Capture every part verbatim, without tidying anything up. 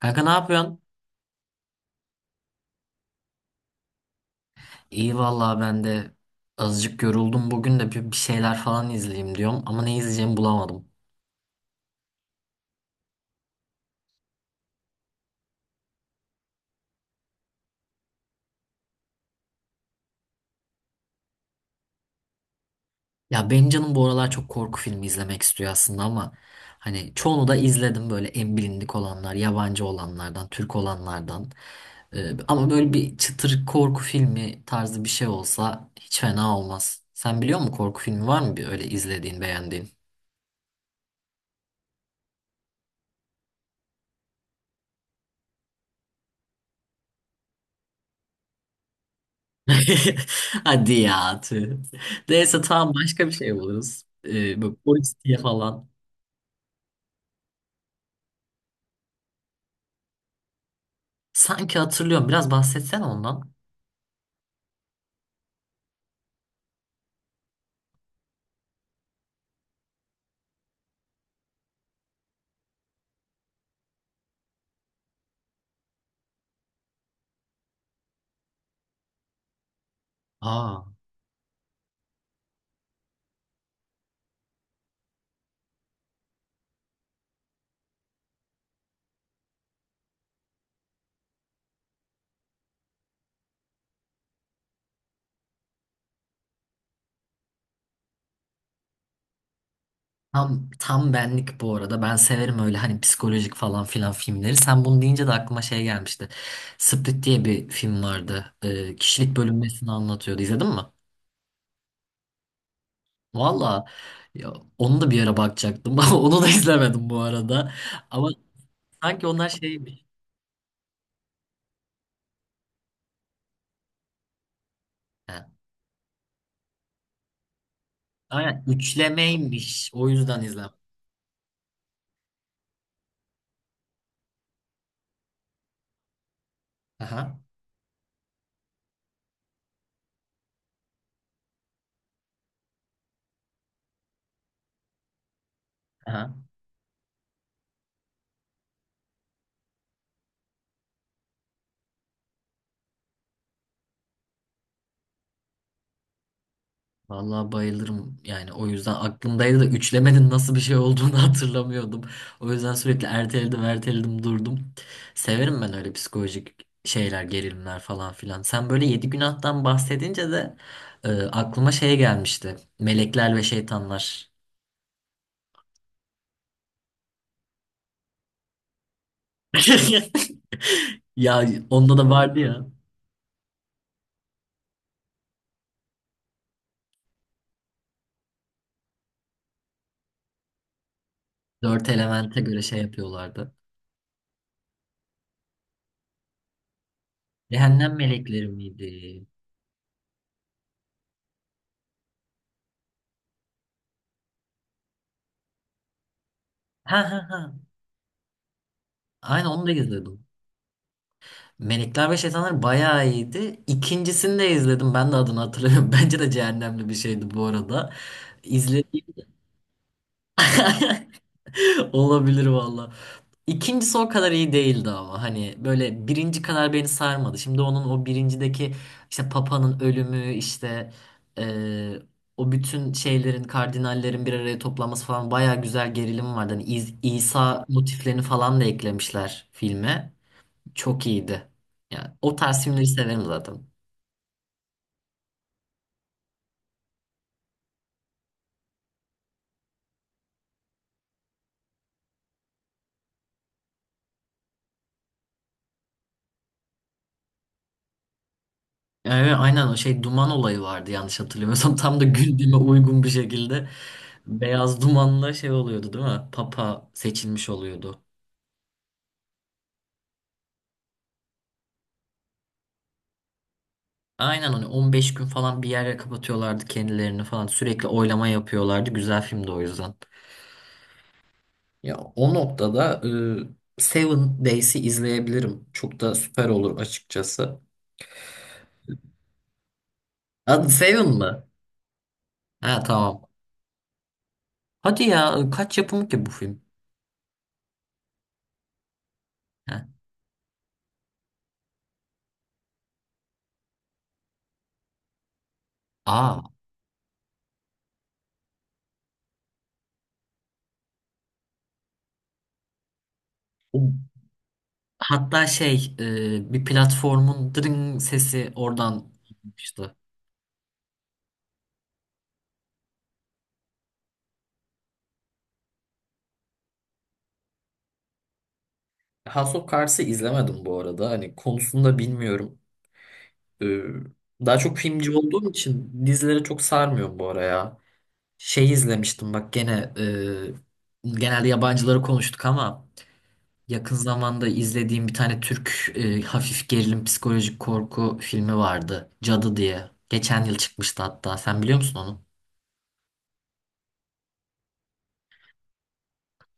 Kanka ne yapıyorsun? İyi vallahi ben de azıcık yoruldum. Bugün de bir bir şeyler falan izleyeyim diyorum ama ne izleyeceğimi bulamadım. Ya benim canım bu aralar çok korku filmi izlemek istiyor aslında ama hani çoğunu da izledim böyle en bilindik olanlar, yabancı olanlardan, Türk olanlardan. Ee, ama böyle bir çıtır korku filmi tarzı bir şey olsa hiç fena olmaz. Sen biliyor musun korku filmi var mı bir öyle izlediğin, beğendiğin? Hadi ya. Tüh. Neyse tamam başka bir şey buluruz. Ee, bu polis diye falan. Sanki hatırlıyorum. Biraz bahsetsen ondan. Aa. Tam, tam benlik bu arada. Ben severim öyle hani psikolojik falan filan filmleri. Sen bunu deyince de aklıma şey gelmişti. Split diye bir film vardı. Ee, kişilik bölünmesini anlatıyordu. İzledin mi? Valla ya, onu da bir ara bakacaktım. Onu da izlemedim bu arada. Ama sanki onlar şeymiş. He. Aynen üçlemeymiş. O yüzden izlemedim. Aha. Aha. Vallahi bayılırım yani o yüzden aklımdaydı da üçlemenin nasıl bir şey olduğunu hatırlamıyordum. O yüzden sürekli erteledim erteledim durdum. Severim ben öyle psikolojik şeyler gerilimler falan filan. Sen böyle yedi günahtan bahsedince de e, aklıma şey gelmişti. Melekler ve şeytanlar. Ya onda da vardı ya. Dört elemente göre şey yapıyorlardı. Cehennem melekleri miydi? Ha ha ha. Aynen onu da izledim. Melekler ve Şeytanlar bayağı iyiydi. İkincisini de izledim. Ben de adını hatırlamıyorum. Bence de cehennemli bir şeydi bu arada. İzle olabilir valla. İkincisi o kadar iyi değildi ama hani böyle birinci kadar beni sarmadı. Şimdi onun o birincideki işte Papa'nın ölümü işte eee, o bütün şeylerin kardinallerin bir araya toplanması falan bayağı güzel gerilim vardı. Hani İz- İsa motiflerini falan da eklemişler filme. Çok iyiydi. Yani o tarz filmleri severim zaten. Evet, aynen o şey duman olayı vardı yanlış hatırlamıyorsam. Tam da gündeme uygun bir şekilde beyaz dumanla şey oluyordu değil mi? Papa seçilmiş oluyordu. Aynen hani on beş gün falan bir yere kapatıyorlardı kendilerini falan. Sürekli oylama yapıyorlardı. Güzel filmdi o yüzden. Ya o noktada e, Seven Days'i izleyebilirim. Çok da süper olur açıkçası. Adı Seven mı? Ha tamam. Hadi ya kaç yapımı ki bu film? Ha. Aa. Hatta şey e, bir platformun dırın sesi oradan çıkmıştı. House of Cards'ı izlemedim bu arada. Hani konusunda bilmiyorum. E, daha çok filmci olduğum için dizilere çok sarmıyorum bu ara ya. Şey izlemiştim bak gene e, genelde yabancıları konuştuk ama yakın zamanda izlediğim bir tane Türk e, hafif gerilim psikolojik korku filmi vardı. Cadı diye. Geçen yıl çıkmıştı hatta. Sen biliyor musun onu?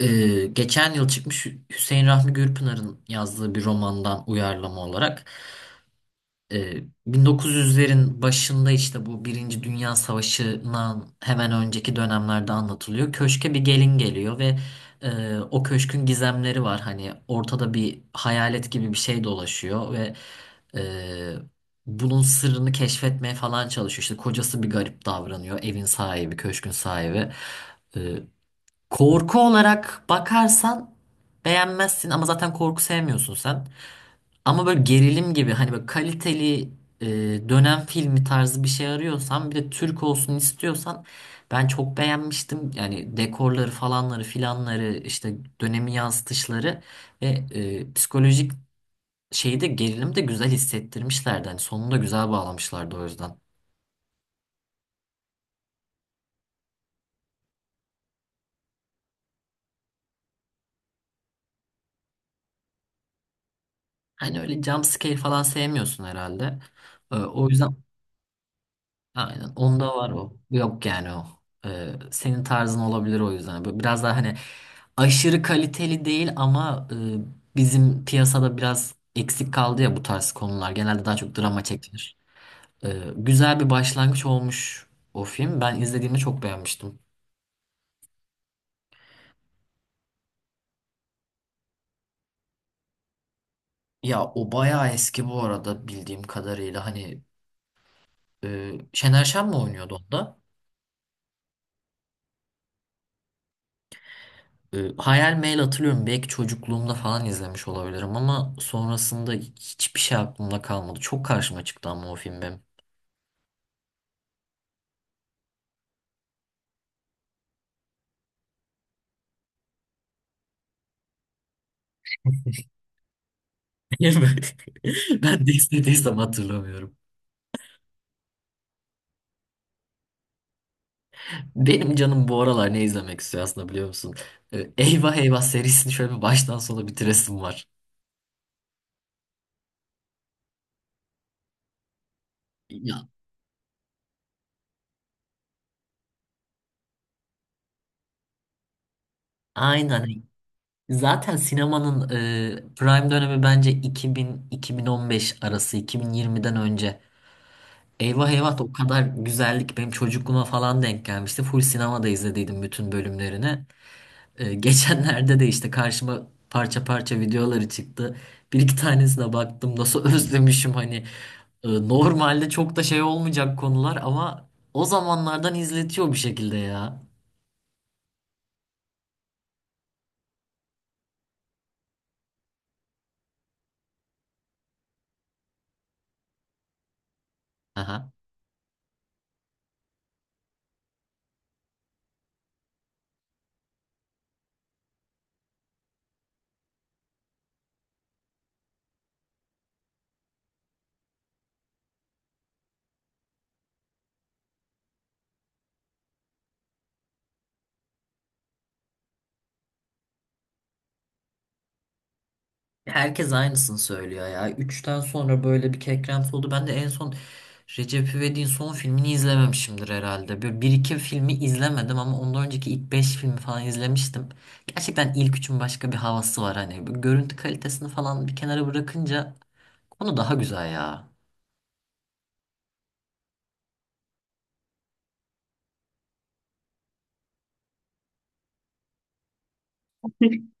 Ee, geçen yıl çıkmış Hü- Hüseyin Rahmi Gürpınar'ın yazdığı bir romandan uyarlama olarak e, bin dokuz yüzlerin başında işte bu Birinci Dünya Savaşı'ndan hemen önceki dönemlerde anlatılıyor. Köşke bir gelin geliyor ve e, o köşkün gizemleri var. Hani ortada bir hayalet gibi bir şey dolaşıyor ve e, bunun sırrını keşfetmeye falan çalışıyor. İşte kocası bir garip davranıyor, evin sahibi, köşkün sahibi. E, Korku olarak bakarsan beğenmezsin ama zaten korku sevmiyorsun sen. Ama böyle gerilim gibi hani böyle kaliteli e, dönem filmi tarzı bir şey arıyorsan bir de Türk olsun istiyorsan ben çok beğenmiştim. Yani dekorları falanları filanları işte dönemi yansıtışları ve e, psikolojik şeyi de gerilim de güzel hissettirmişlerdi. Hani sonunu da güzel bağlamışlardı o yüzden. Hani öyle jump scare falan sevmiyorsun herhalde. E, o yüzden. Aynen. Onda var o. Yok yani o. Ee, senin tarzın olabilir o yüzden. Böyle biraz daha hani aşırı kaliteli değil ama e, bizim piyasada biraz eksik kaldı ya bu tarz konular. Genelde daha çok drama çekilir. Ee, güzel bir başlangıç olmuş o film. Ben izlediğimde çok beğenmiştim. Ya o bayağı eski bu arada bildiğim kadarıyla. Hani e, Şener Şen mi oynuyordu onda? E, Hayal Meyil hatırlıyorum. Belki çocukluğumda falan izlemiş olabilirim ama sonrasında hiçbir şey aklımda kalmadı. Çok karşıma çıktı ama o film benim. Ben de istediysem hatırlamıyorum. Benim canım bu aralar ne izlemek istiyor aslında biliyor musun? E, Eyvah Eyvah serisini şöyle bir baştan sona bitiresim var. Ya aynen. Zaten sinemanın e, prime dönemi bence iki bin-iki bin on beş arası, iki bin yirmiden önce. Eyvah eyvah da o kadar güzellik benim çocukluğuma falan denk gelmişti. Full sinemada izlediydim bütün bölümlerini. Ee, geçenlerde de işte karşıma parça parça videoları çıktı. Bir iki tanesine baktım nasıl özlemişim hani. Ee, normalde çok da şey olmayacak konular ama o zamanlardan izletiyor bir şekilde ya. Herkes aynısını söylüyor ya. Üçten sonra böyle bir kekremsi oldu. Ben de en son Recep İvedik'in son filmini izlememişimdir herhalde. Böyle bir iki filmi izlemedim ama ondan önceki ilk beş filmi falan izlemiştim. Gerçekten ilk üçün başka bir havası var hani. Bu görüntü kalitesini falan bir kenara bırakınca konu daha güzel ya.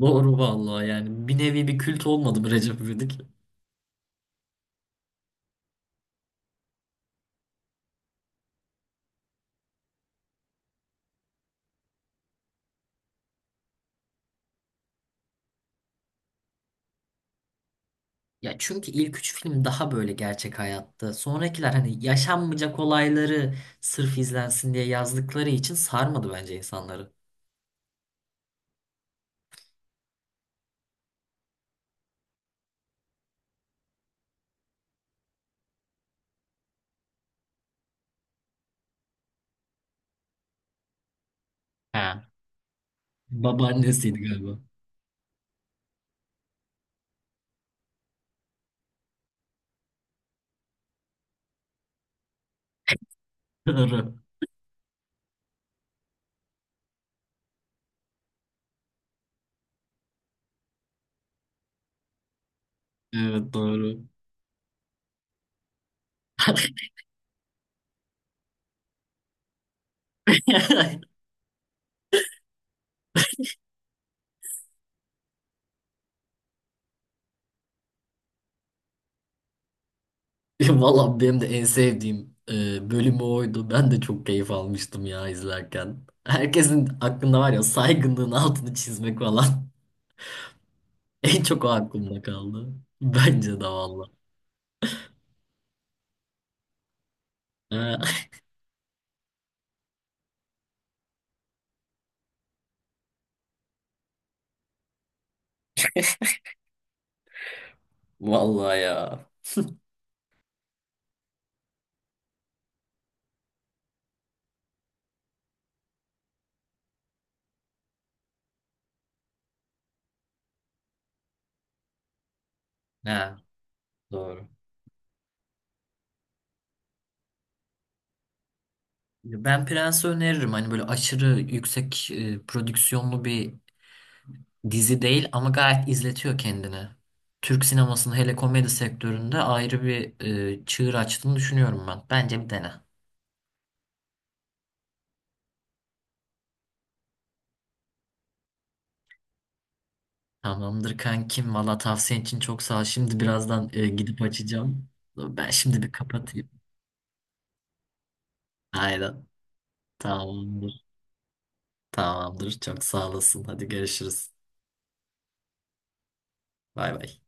Doğru vallahi yani. Bir nevi bir kült olmadı mı Recep İvedik? Ya çünkü ilk üç film daha böyle gerçek hayatta. Sonrakiler hani yaşanmayacak olayları sırf izlensin diye yazdıkları için sarmadı bence insanları. He. Babaannesiydi galiba. Doğru. Evet doğru. Valla benim de en sevdiğim e, bölümü oydu. Ben de çok keyif almıştım ya izlerken. Herkesin aklında var ya saygınlığın altını çizmek falan. En çok o aklımda kaldı. Bence de valla. Ha, Vallahi ya. Ha, doğru. Ben Prens'i öneririm. Hani böyle aşırı yüksek e, prodüksiyonlu bir dizi değil ama gayet izletiyor kendini. Türk sinemasının hele komedi sektöründe ayrı bir e, çığır açtığını düşünüyorum ben. Bence bir dene. Tamamdır kankim. Valla tavsiyen için çok sağ ol. Şimdi birazdan e, gidip açacağım. Ben şimdi bir kapatayım. Aynen. Tamamdır. Tamamdır. Çok sağ olasın. Hadi görüşürüz. Bay bay.